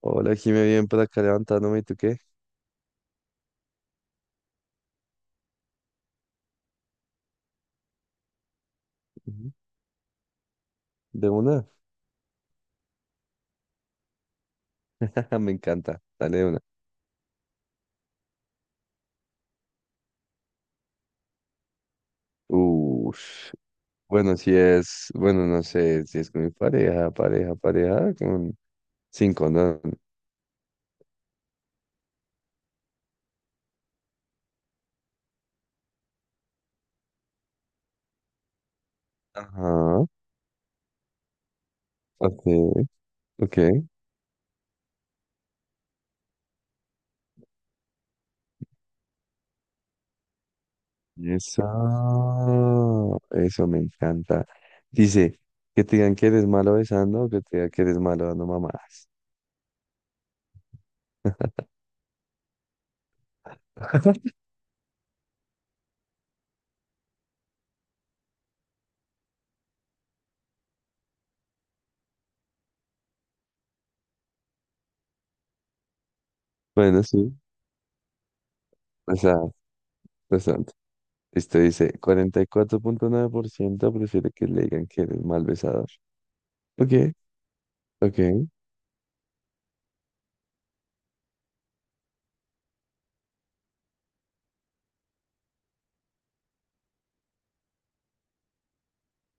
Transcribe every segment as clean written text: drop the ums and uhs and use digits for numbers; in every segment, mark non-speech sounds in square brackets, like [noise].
Hola, Jimé, bien por acá levantándome. ¿Y tú qué? Ujú. ¿De una? [laughs] Me encanta. Dale de una. Ush. Bueno, no sé, si es con mi pareja, pareja, pareja, con sin condón. Ajá. Ok, ok. Eso me encanta. Dice, que te digan que eres malo besando o que te digan que eres malo dando mamás. [laughs] Bueno, sí. O sea, esto dice, 44,9% prefiere que le digan que eres mal besador. Ok, ok.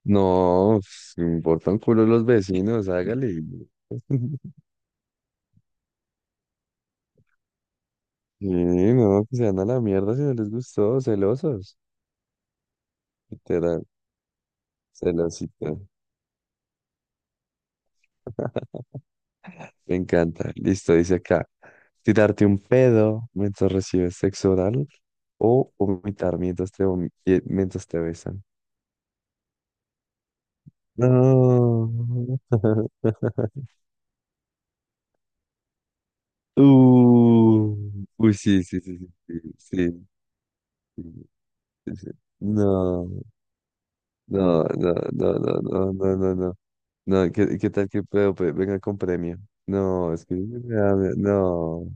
No, pues, me importa un culo los vecinos, hágale. [laughs] Sí, no, que se van a la mierda si no les gustó, celosos. Literal, celosito. Me encanta. Listo, dice acá. Tirarte un pedo mientras recibes sexo oral o vomitar mientras te, mientras te besan. No. [laughs] Uh, uy, sí, sí, sí, sí, sí, sí, sí, sí, sí. No, no, no, no, no, no, no, no, no, no, ¿qué, qué tal que puedo? Venga con premio. No, es que no,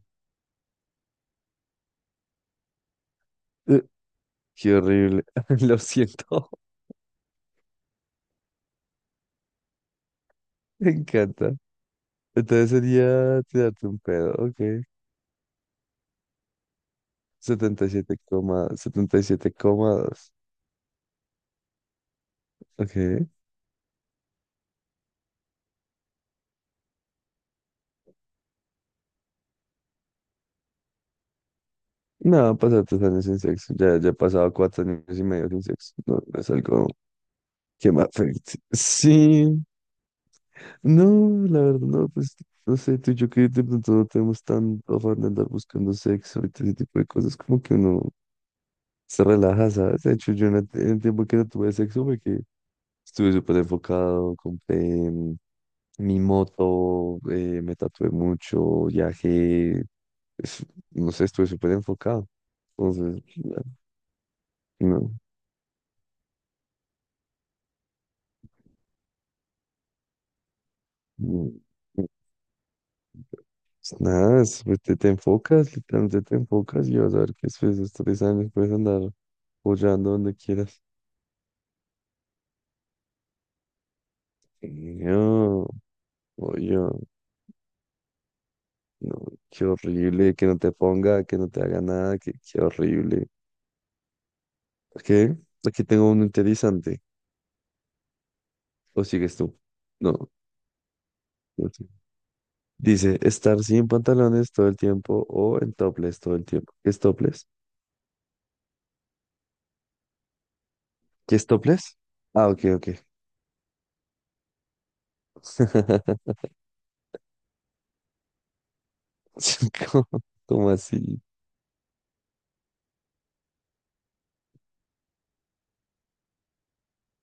Eh, qué horrible, [laughs] lo siento, [laughs] me encanta. Entonces sería tirarte un pedo, ok, setenta y siete coma setenta y siete coma dos, ok. No, pasar 3 años sin sexo, ya, ya he pasado 4 años y medio sin sexo, no, no es algo qué más afecte. Sí, no, la verdad, no, pues no sé, tú y yo que de pronto no tenemos tan afán de andar buscando sexo y todo ese tipo de cosas, como que uno se relaja, ¿sabes? De hecho, yo en el tiempo que no tuve sexo, fue que estuve súper enfocado, compré mi moto, me tatué mucho, viajé, es- no sé, estuve súper enfocado. Entonces, no, no, no. Pues nada, pues te enfocas, literalmente te enfocas y vas a ver que después de estos 3 años puedes andar follando donde quieras. Sí, no, oye, no, qué horrible, que no te ponga, que no te haga nada, que, qué horrible. Qué, aquí tengo uno interesante. ¿O sigues tú? No, no sé. Dice, estar sin pantalones todo el tiempo o en topless todo el tiempo. ¿Qué es topless? ¿Qué es topless? Ah, ok, ok. [laughs] ¿Cómo, cómo así?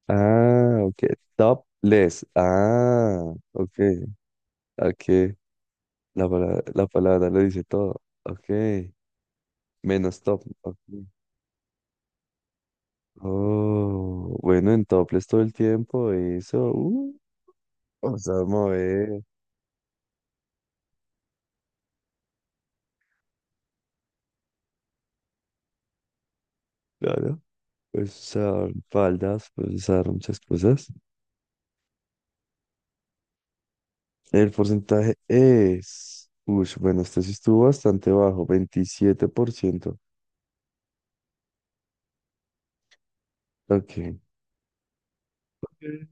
Ah, ok. Topless. Ah, ok. Ok. La palabra lo dice todo. Ok. Menos top. Ok. Oh, bueno, en topless todo el tiempo. Eso. Vamos a mover. Claro. Puedes usar faldas, puedes usar muchas cosas. El porcentaje es. Uy, bueno, este sí estuvo bastante bajo, 27%. Ok. Ok.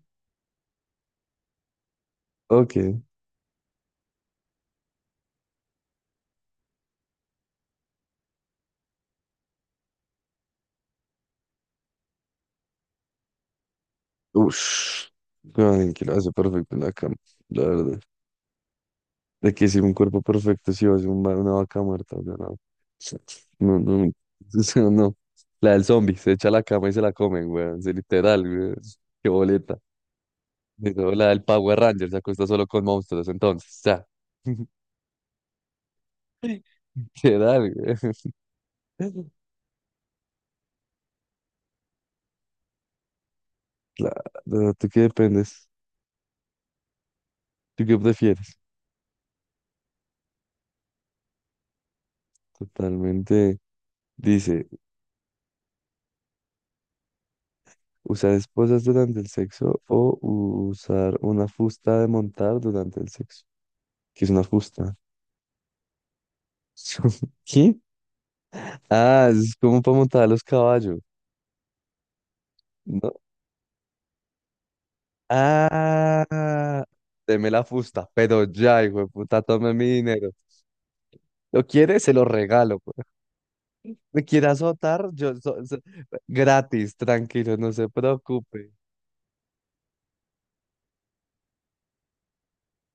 Ok. Ush, ay, que lo hace perfecto en la cama, la verdad. De que si un cuerpo perfecto, si va a ser un una vaca muerta, o sea, no. No, no, [laughs] o sea, no. La del zombie, se echa a la cama y se la comen, weón. Se literal, weón. Qué boleta. Pero la del Power Ranger se acuesta solo con monstruos, entonces, ya. [laughs] Literal, güey. [laughs] Claro, ¿tú qué dependes? ¿Tú qué prefieres? Totalmente. Dice. Usar esposas durante el sexo o usar una fusta de montar durante el sexo. ¿Qué es una fusta? [laughs] ¿Qué? Ah, es como para montar a los caballos, ¿no? Ah, deme la fusta, pero ya, hijo de puta, tome mi dinero. ¿Lo quiere? Se lo regalo, pues. ¿Me quiere azotar? Yo, gratis, tranquilo, no se preocupe.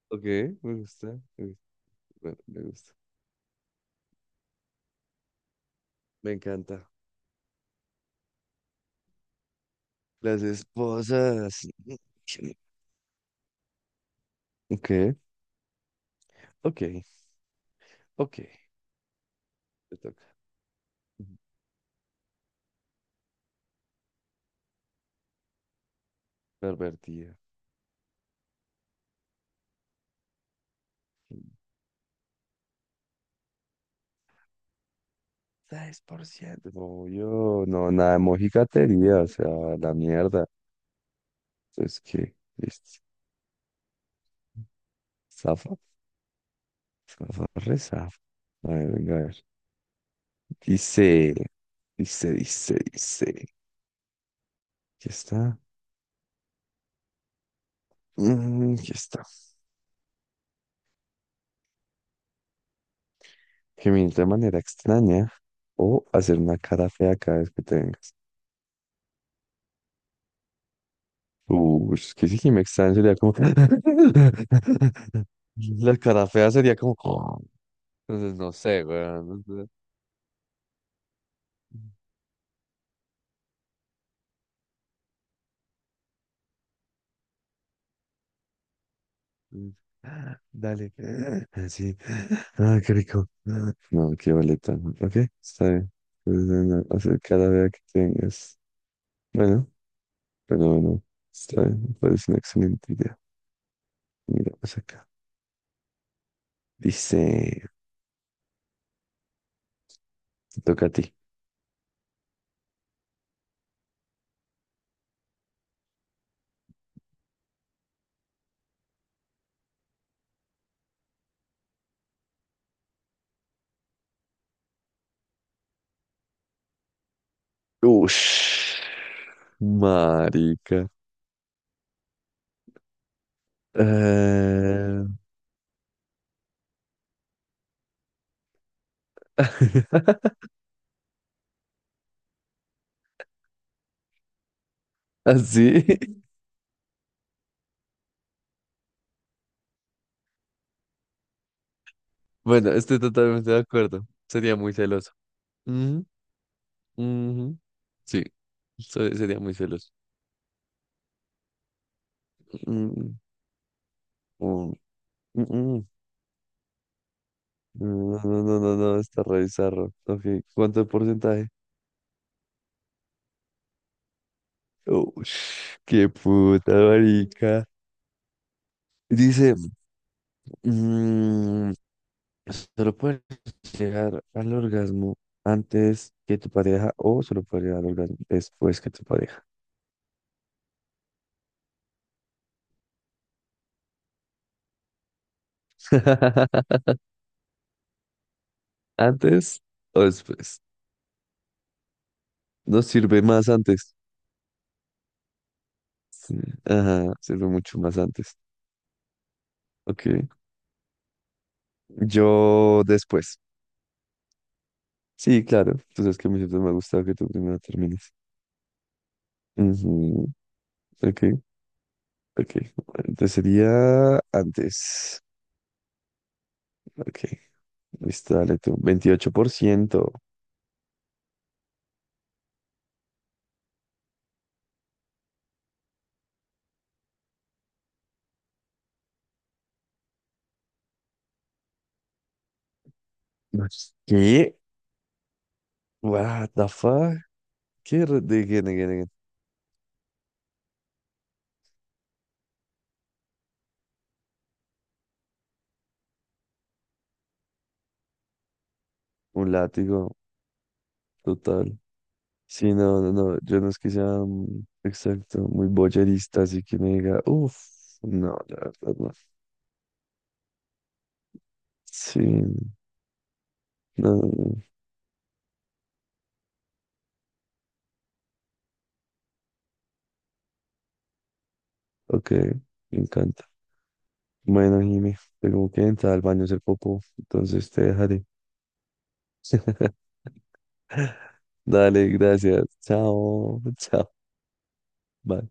Ok, me gusta, me gusta, bueno, me gusta. Me encanta. Las esposas. Ok, ok. Ok, te toca. Ujú. Pervertida. 3%. No, yo, no, nada de mojigatería, o sea, la mierda. Entonces, ¿qué? Listo. Zafa, zafa, re zafa. A ver, venga, a ver. Dice, dice. Aquí está. Mm, aquí está. Gemir de manera extraña o hacer una cara fea cada vez que te vengas. Uy, es que si me extraña sería como... [laughs] La cara fea sería como... Entonces, no sé, weón, no sé. Dale. [laughs] Sí. Ah, qué rico. No, qué boleta. Ok, está bien. Pues, bueno, o sea, cada vez que tengas. Bueno, pero bueno, está bien. Me parece una excelente idea. Mira, pues acá. Dice, te toca a ti. Ush, marica. Eh, [laughs] Así. Bueno, estoy totalmente de acuerdo. Sería muy celoso. Ujú, ujú. Sí, sería muy celoso. Mm, mm, mm, mm. No, no, no, no, no, está re bizarro. Ok, ¿cuánto de porcentaje? Oh, [sniffs] qué puta marica. Dice, mm, solo puedes llegar al orgasmo antes que tu pareja o solo puedes llegar al orgasmo después que tu pareja. [laughs] ¿Antes o después? Nos sirve más antes. Sí, ajá, sirve mucho más antes. Ok, yo después. Sí, claro. Tú sabes que a mí siempre me ha gustado que tú primero termines. Ujú. Ok, ok. Entonces sería antes. Ok, listo, dale tú. 28%. ¿Qué? What the fuck? ¿Qué? De again, again, again. Un látigo total. Sí, no, no, no. Yo no es que sea exacto, muy boyerista, así que me diga, uff, no, la verdad no. Sí, no, no, no. Ok, me encanta. Bueno, Jimmy, tengo que entrar al baño a hacer popo, entonces te dejaré. [laughs] Dale, gracias. Chao, [laughs] chao. Bye.